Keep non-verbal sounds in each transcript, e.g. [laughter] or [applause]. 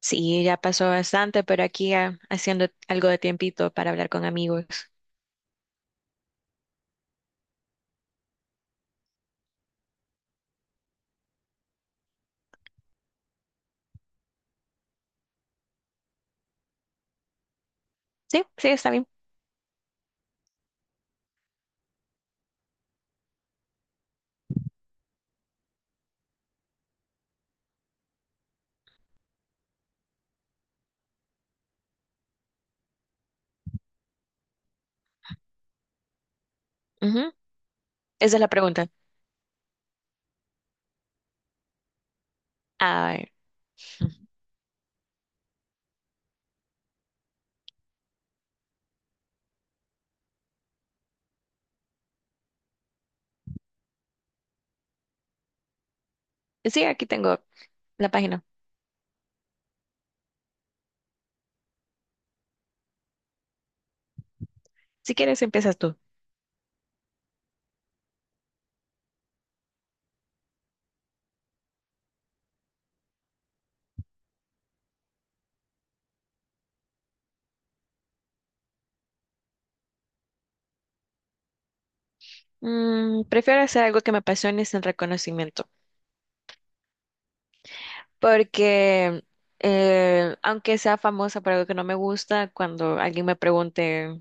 Sí, ya pasó bastante, pero aquí haciendo algo de tiempito para hablar con amigos. Sí, sí, está bien. Ujú. Esa es la pregunta. A ver. Sí, aquí tengo la página. Si quieres, empiezas tú. Prefiero hacer algo que me apasione sin reconocimiento, porque aunque sea famosa por algo que no me gusta, cuando alguien me pregunte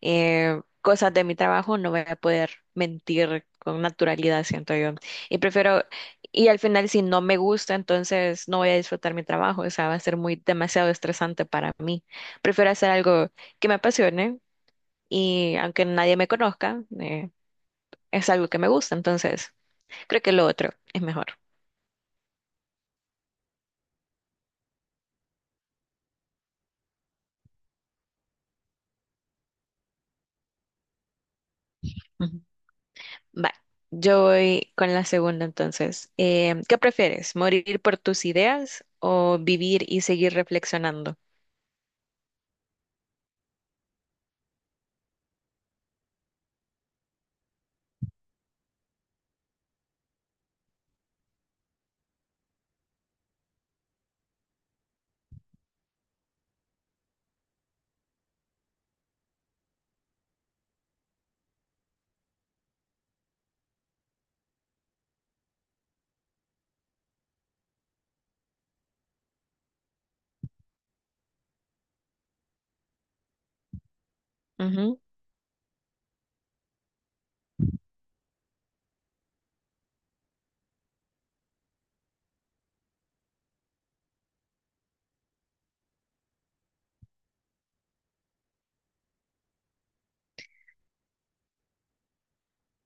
cosas de mi trabajo, no voy a poder mentir con naturalidad, siento yo. Y prefiero, y al final si no me gusta, entonces no voy a disfrutar mi trabajo, o sea, va a ser muy demasiado estresante para mí. Prefiero hacer algo que me apasione y aunque nadie me conozca, es algo que me gusta, entonces creo que lo otro es mejor. Ujú. Va, yo voy con la segunda entonces. ¿Qué prefieres? ¿Morir por tus ideas o vivir y seguir reflexionando?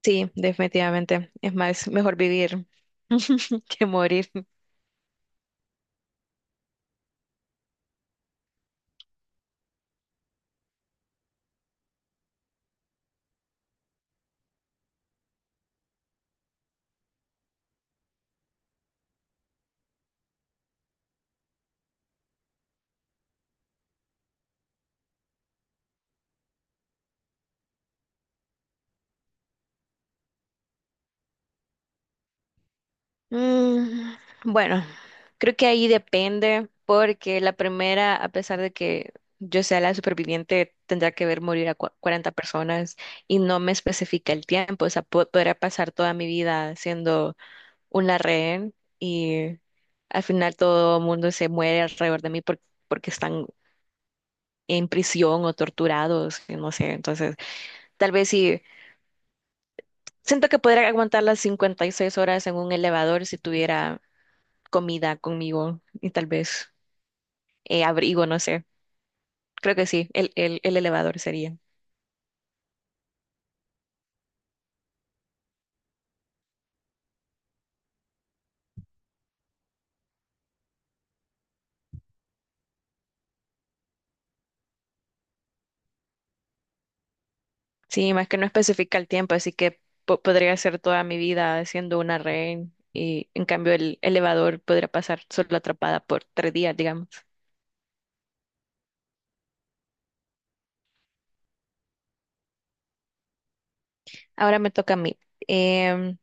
Sí, definitivamente. Es más, mejor vivir [laughs] que morir. Mm, bueno, creo que ahí depende, porque la primera, a pesar de que yo sea la superviviente, tendrá que ver morir a 40 personas y no me especifica el tiempo. O sea, podría pasar toda mi vida siendo una rehén y al final todo el mundo se muere alrededor de mí porque están en prisión o torturados, y no sé. Entonces, tal vez sí. Siento que podría aguantar las 56 horas en un elevador si tuviera comida conmigo y tal vez abrigo, no sé. Creo que sí, el elevador sería. Sí, más que no especifica el tiempo, así que podría ser toda mi vida siendo una rehén y en cambio el elevador podría pasar solo atrapada por 3 días, digamos. Ahora me toca a mí. Em,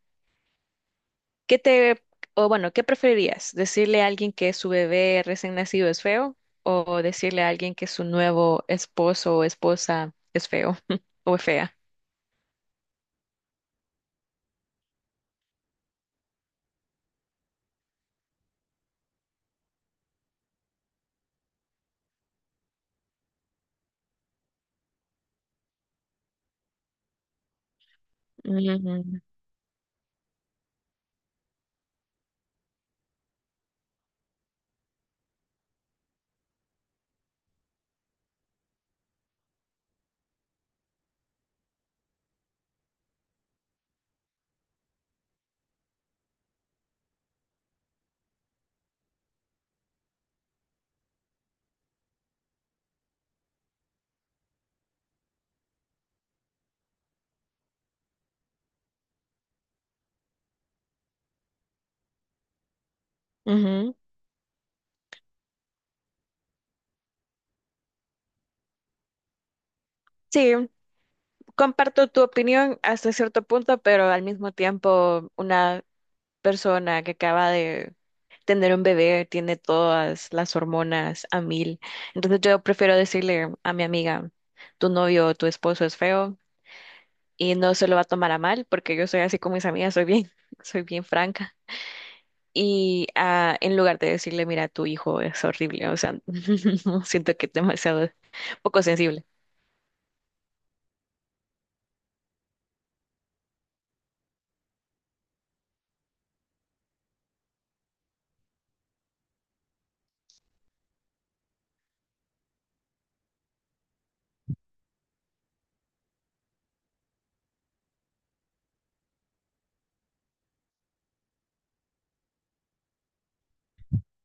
¿Qué te, o bueno, qué preferirías? ¿Decirle a alguien que su bebé recién nacido es feo o decirle a alguien que su nuevo esposo o esposa es feo [laughs] o es fea? Ujú, ujú. Sí, comparto tu opinión hasta cierto punto, pero al mismo tiempo una persona que acaba de tener un bebé tiene todas las hormonas a mil. Entonces yo prefiero decirle a mi amiga, tu novio o tu esposo es feo y no se lo va a tomar a mal, porque yo soy así con mis amigas, soy bien, [laughs] soy bien franca. Y en lugar de decirle, mira, tu hijo es horrible, o sea, [laughs] no, siento que es demasiado poco sensible.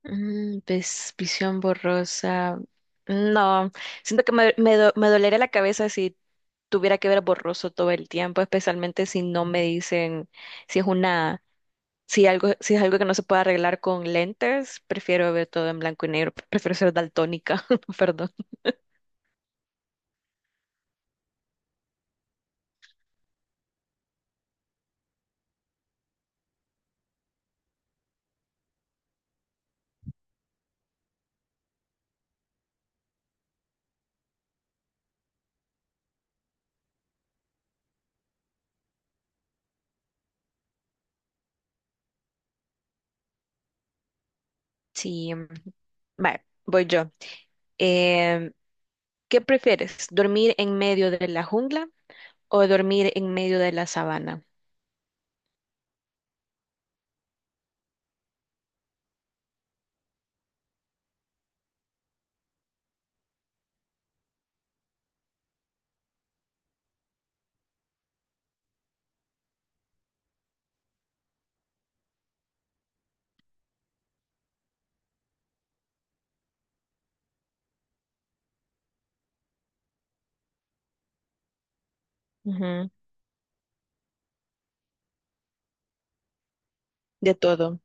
Visión borrosa. No, siento que me dolería la cabeza si tuviera que ver borroso todo el tiempo, especialmente si no me dicen si es una, si es algo que no se puede arreglar con lentes, prefiero ver todo en blanco y negro, prefiero ser daltónica, [laughs] perdón. Sí, mm, vale, voy yo. Em, ¿Qué prefieres? ¿Dormir en medio de la jungla o dormir en medio de la sabana? Ujú, de todo.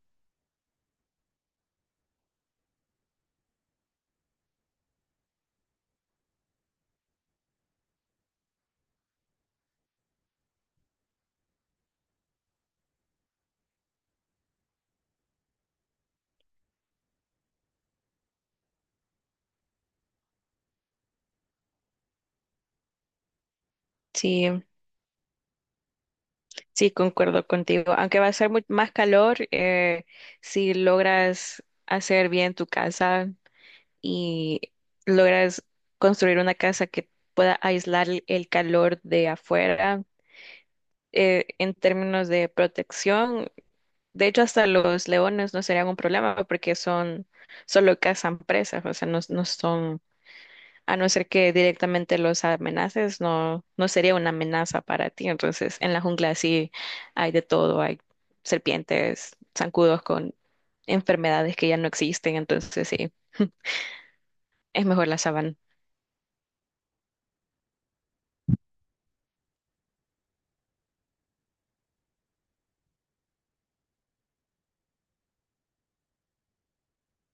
Sí, sí, concuerdo contigo. Aunque va a ser más calor, si logras hacer bien tu casa y logras construir una casa que pueda aislar el calor de afuera, en términos de protección, de hecho, hasta los leones no serían un problema porque son solo cazan presas, o sea, no, no son, a no ser que directamente los amenaces, no, no sería una amenaza para ti. Entonces, en la jungla sí hay de todo, hay serpientes, zancudos con enfermedades que ya no existen, entonces sí, [laughs] es mejor la sabana.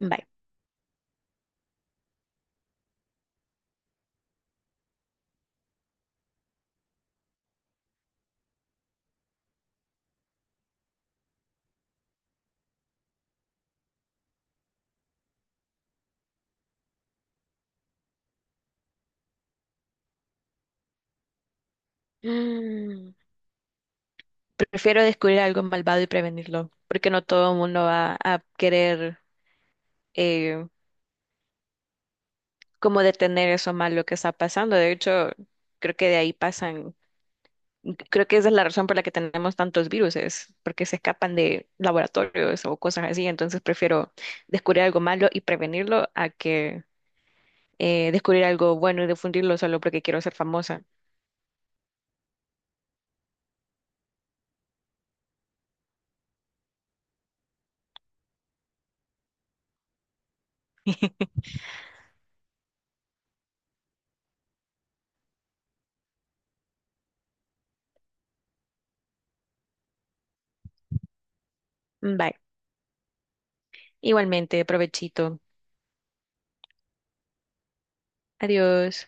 Bye. Mm, Prefiero descubrir algo malvado y prevenirlo, porque no todo el mundo va a querer eh, como detener eso malo que está pasando. De hecho, creo que de ahí pasan, creo que esa es la razón por la que tenemos tantos virus, es porque se escapan de laboratorios o cosas así. Entonces prefiero descubrir algo malo y prevenirlo a que descubrir algo bueno y difundirlo solo porque quiero ser famosa. Bye. Igualmente, provechito. Adiós.